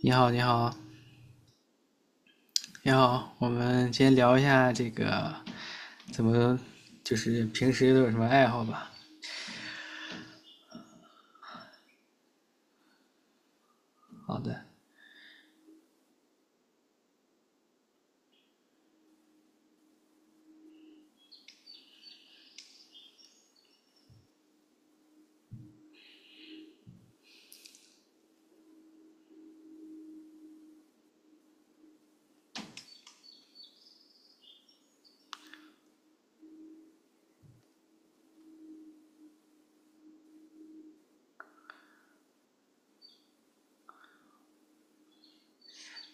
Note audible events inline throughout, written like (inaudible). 你好，你好，你好，我们先聊一下这个怎么，就是平时都有什么爱好吧？好的，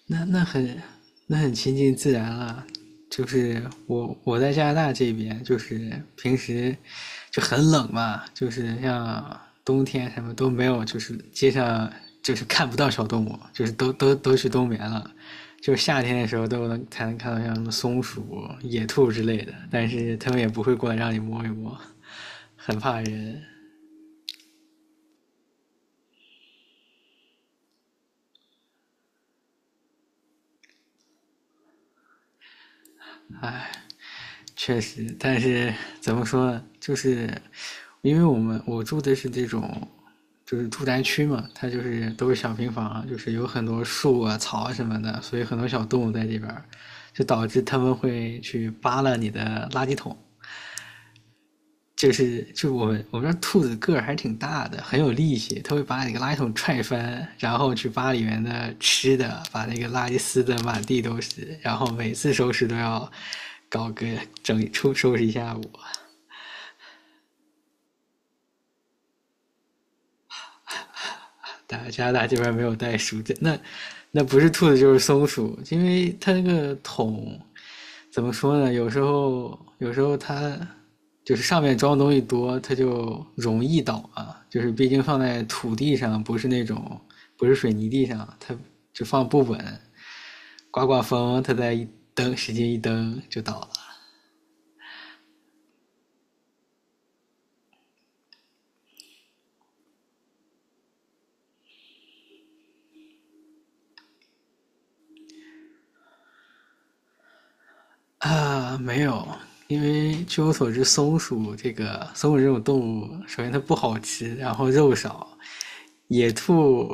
那那很那很亲近自然了。就是我在加拿大这边，就是平时就很冷嘛，就是像冬天什么都没有，就是街上就是看不到小动物，就是都去冬眠了。就是夏天的时候才能看到像什么松鼠、野兔之类的，但是他们也不会过来让你摸一摸，很怕人，唉。确实，但是怎么说呢？就是因为我住的是这种，就是住宅区嘛，它就是都是小平房，就是有很多树啊、草啊什么的，所以很多小动物在这边儿，就导致他们会去扒拉你的垃圾桶。就是就我们这兔子个儿还挺大的，很有力气，它会把你个垃圾桶踹翻，然后去扒里面的吃的，把那个垃圾撕的满地都是，然后每次收拾都要搞个整理出收拾一下午。大加拿大这边没有袋鼠，那不是兔子就是松鼠，因为它那个桶怎么说呢？有时候它就是上面装东西多，它就容易倒啊。就是毕竟放在土地上，不是水泥地上，它就放不稳，刮风，它再一使劲一蹬就倒了啊。没有，因为据我所知，松鼠这种动物，首先它不好吃，然后肉少。野兔，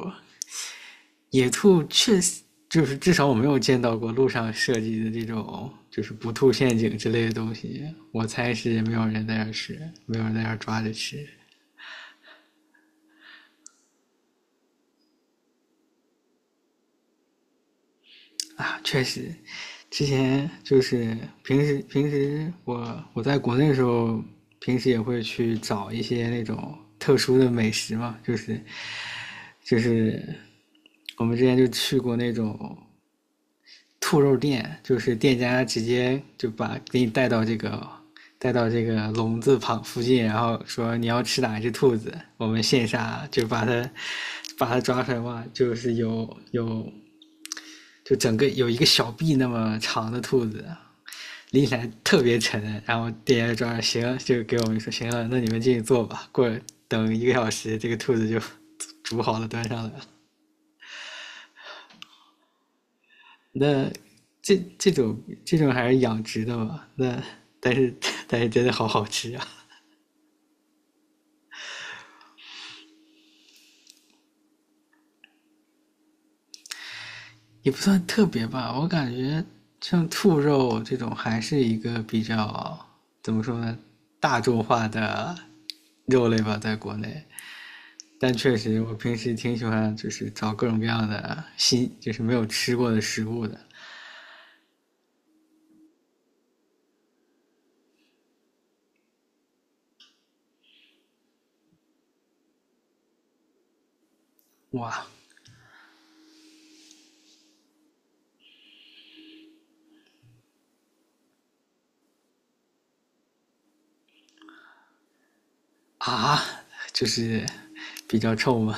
野兔确实就是至少我没有见到过路上设计的这种就是不吐陷阱之类的东西。我猜是没有人在那吃，没有人在那抓着吃啊。确实，之前就是平时我在国内的时候，平时也会去找一些那种特殊的美食嘛，就是我们之前就去过那种兔肉店，就是店家直接就把给你带到带到这个笼子旁附近，然后说你要吃哪只兔子，我们线下就把它抓出来嘛。就是有有就整个有一个小臂那么长的兔子，拎起来特别沉，然后店家抓行，就给我们说行了，那你们进去坐吧，过等一个小时，这个兔子就 (laughs) 煮好了端上来了。那这种还是养殖的吧？那但是但是真的好好吃啊，也不算特别吧。我感觉像兔肉这种还是一个比较怎么说呢，大众化的肉类吧，在国内。但确实，我平时挺喜欢就是找各种各样的新，就是没有吃过的食物的。哇啊，就是比较臭吗？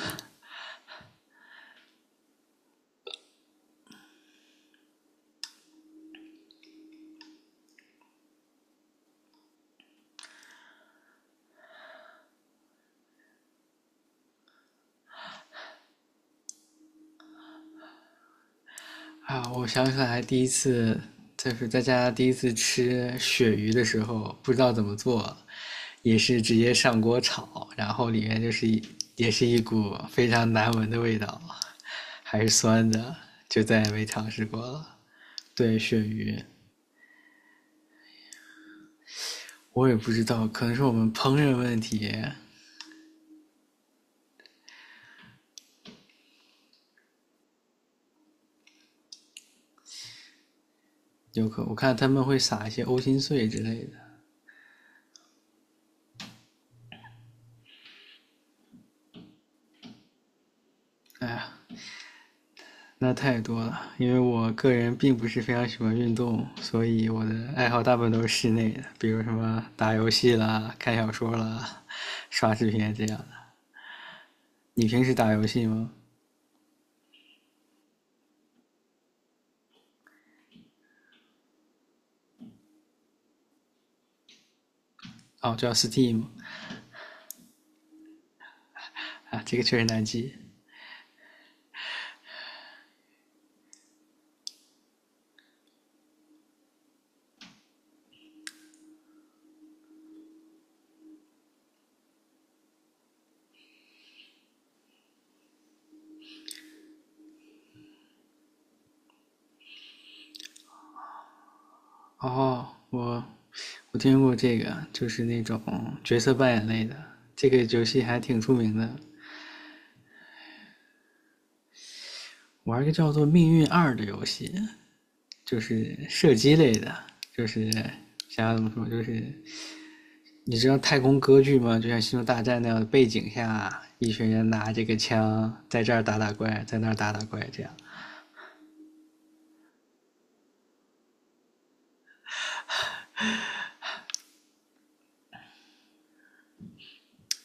啊，我想起来第一次就是在家第一次吃鳕鱼的时候，不知道怎么做，也是直接上锅炒，然后里面就是也是一股非常难闻的味道，还是酸的，就再也没尝试过了。对，鳕鱼我也不知道，可能是我们烹饪问题，有可我看他们会撒一些欧芹碎之类的。哎呀，那太多了，因为我个人并不是非常喜欢运动，所以我的爱好大部分都是室内的，比如什么打游戏啦、看小说啦、刷视频这样的。你平时打游戏吗？哦，叫 Steam 啊，这个确实难记。哦，我听过这个，就是那种角色扮演类的，这个游戏还挺出名的。玩一个叫做《命运二》的游戏，就是射击类的，就是想要怎么说，就是你知道太空歌剧吗？就像《星球大战》那样的背景下，一群人拿这个枪在这儿打打怪，在那儿打打怪，这样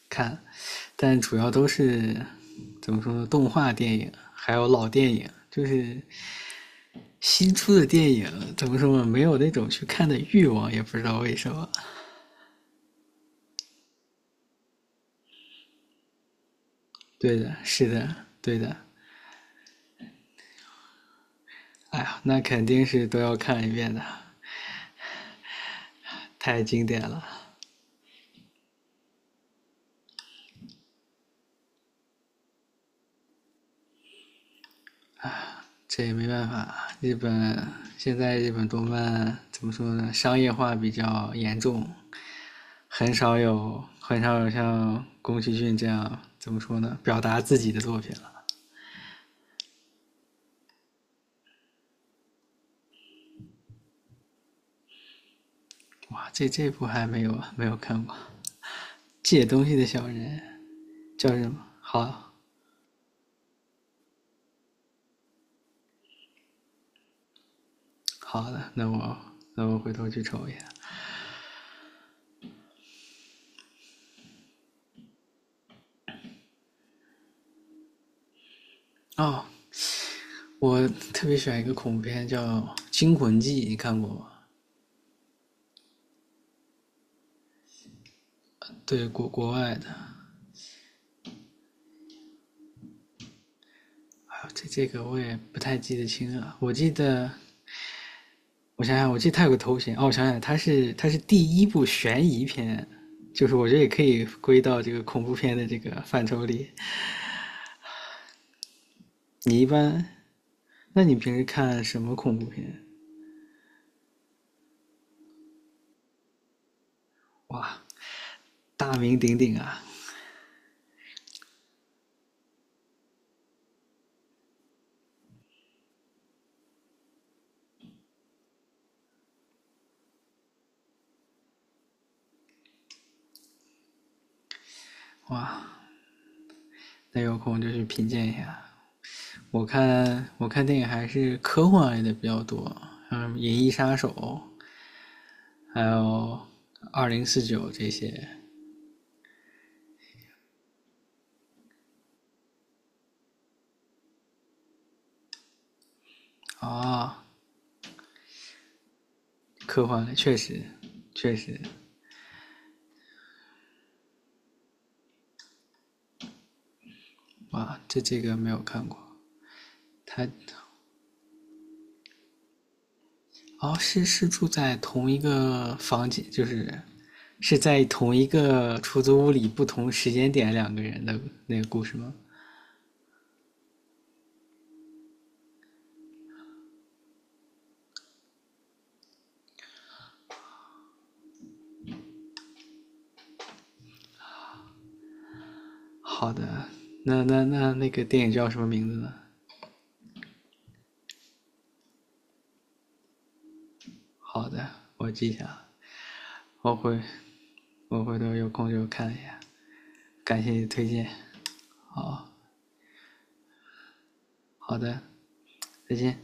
看。但主要都是怎么说呢？动画电影还有老电影，就是新出的电影怎么说呢？没有那种去看的欲望，也不知道为什么。对的，是的，对的。哎呀，那肯定是都要看一遍的，太经典了。这也没办法，现在日本动漫怎么说呢？商业化比较严重，很少有像宫崎骏这样怎么说呢？表达自己的作品了。哇，这部还没有没有看过，《借东西的小人》叫什么？好好的，那我回头去瞅一眼。哦，我特别喜欢一个恐怖片叫《惊魂记》，你看过吗？对，国外的。这个我也不太记得清了，我记得我想想，我记得他有个头衔哦，我想想，他是第一部悬疑片，就是我觉得也可以归到这个恐怖片的这个范畴里。你一般，那你平时看什么恐怖片？哇，大名鼎鼎啊！哇，那有空就去品鉴一下。我看电影还是科幻类的比较多，像什么《银翼杀手》，还有《2049》这些啊，科幻类确实确实，哇，这个没有看过。他哦，是住在同一个房间，就是是在同一个出租屋里，不同时间点两个人的那个故事吗？好的，那个电影叫什么名字呢？好的，我记下了。我回我回头有空就看一下。感谢你的推荐，好的，再见。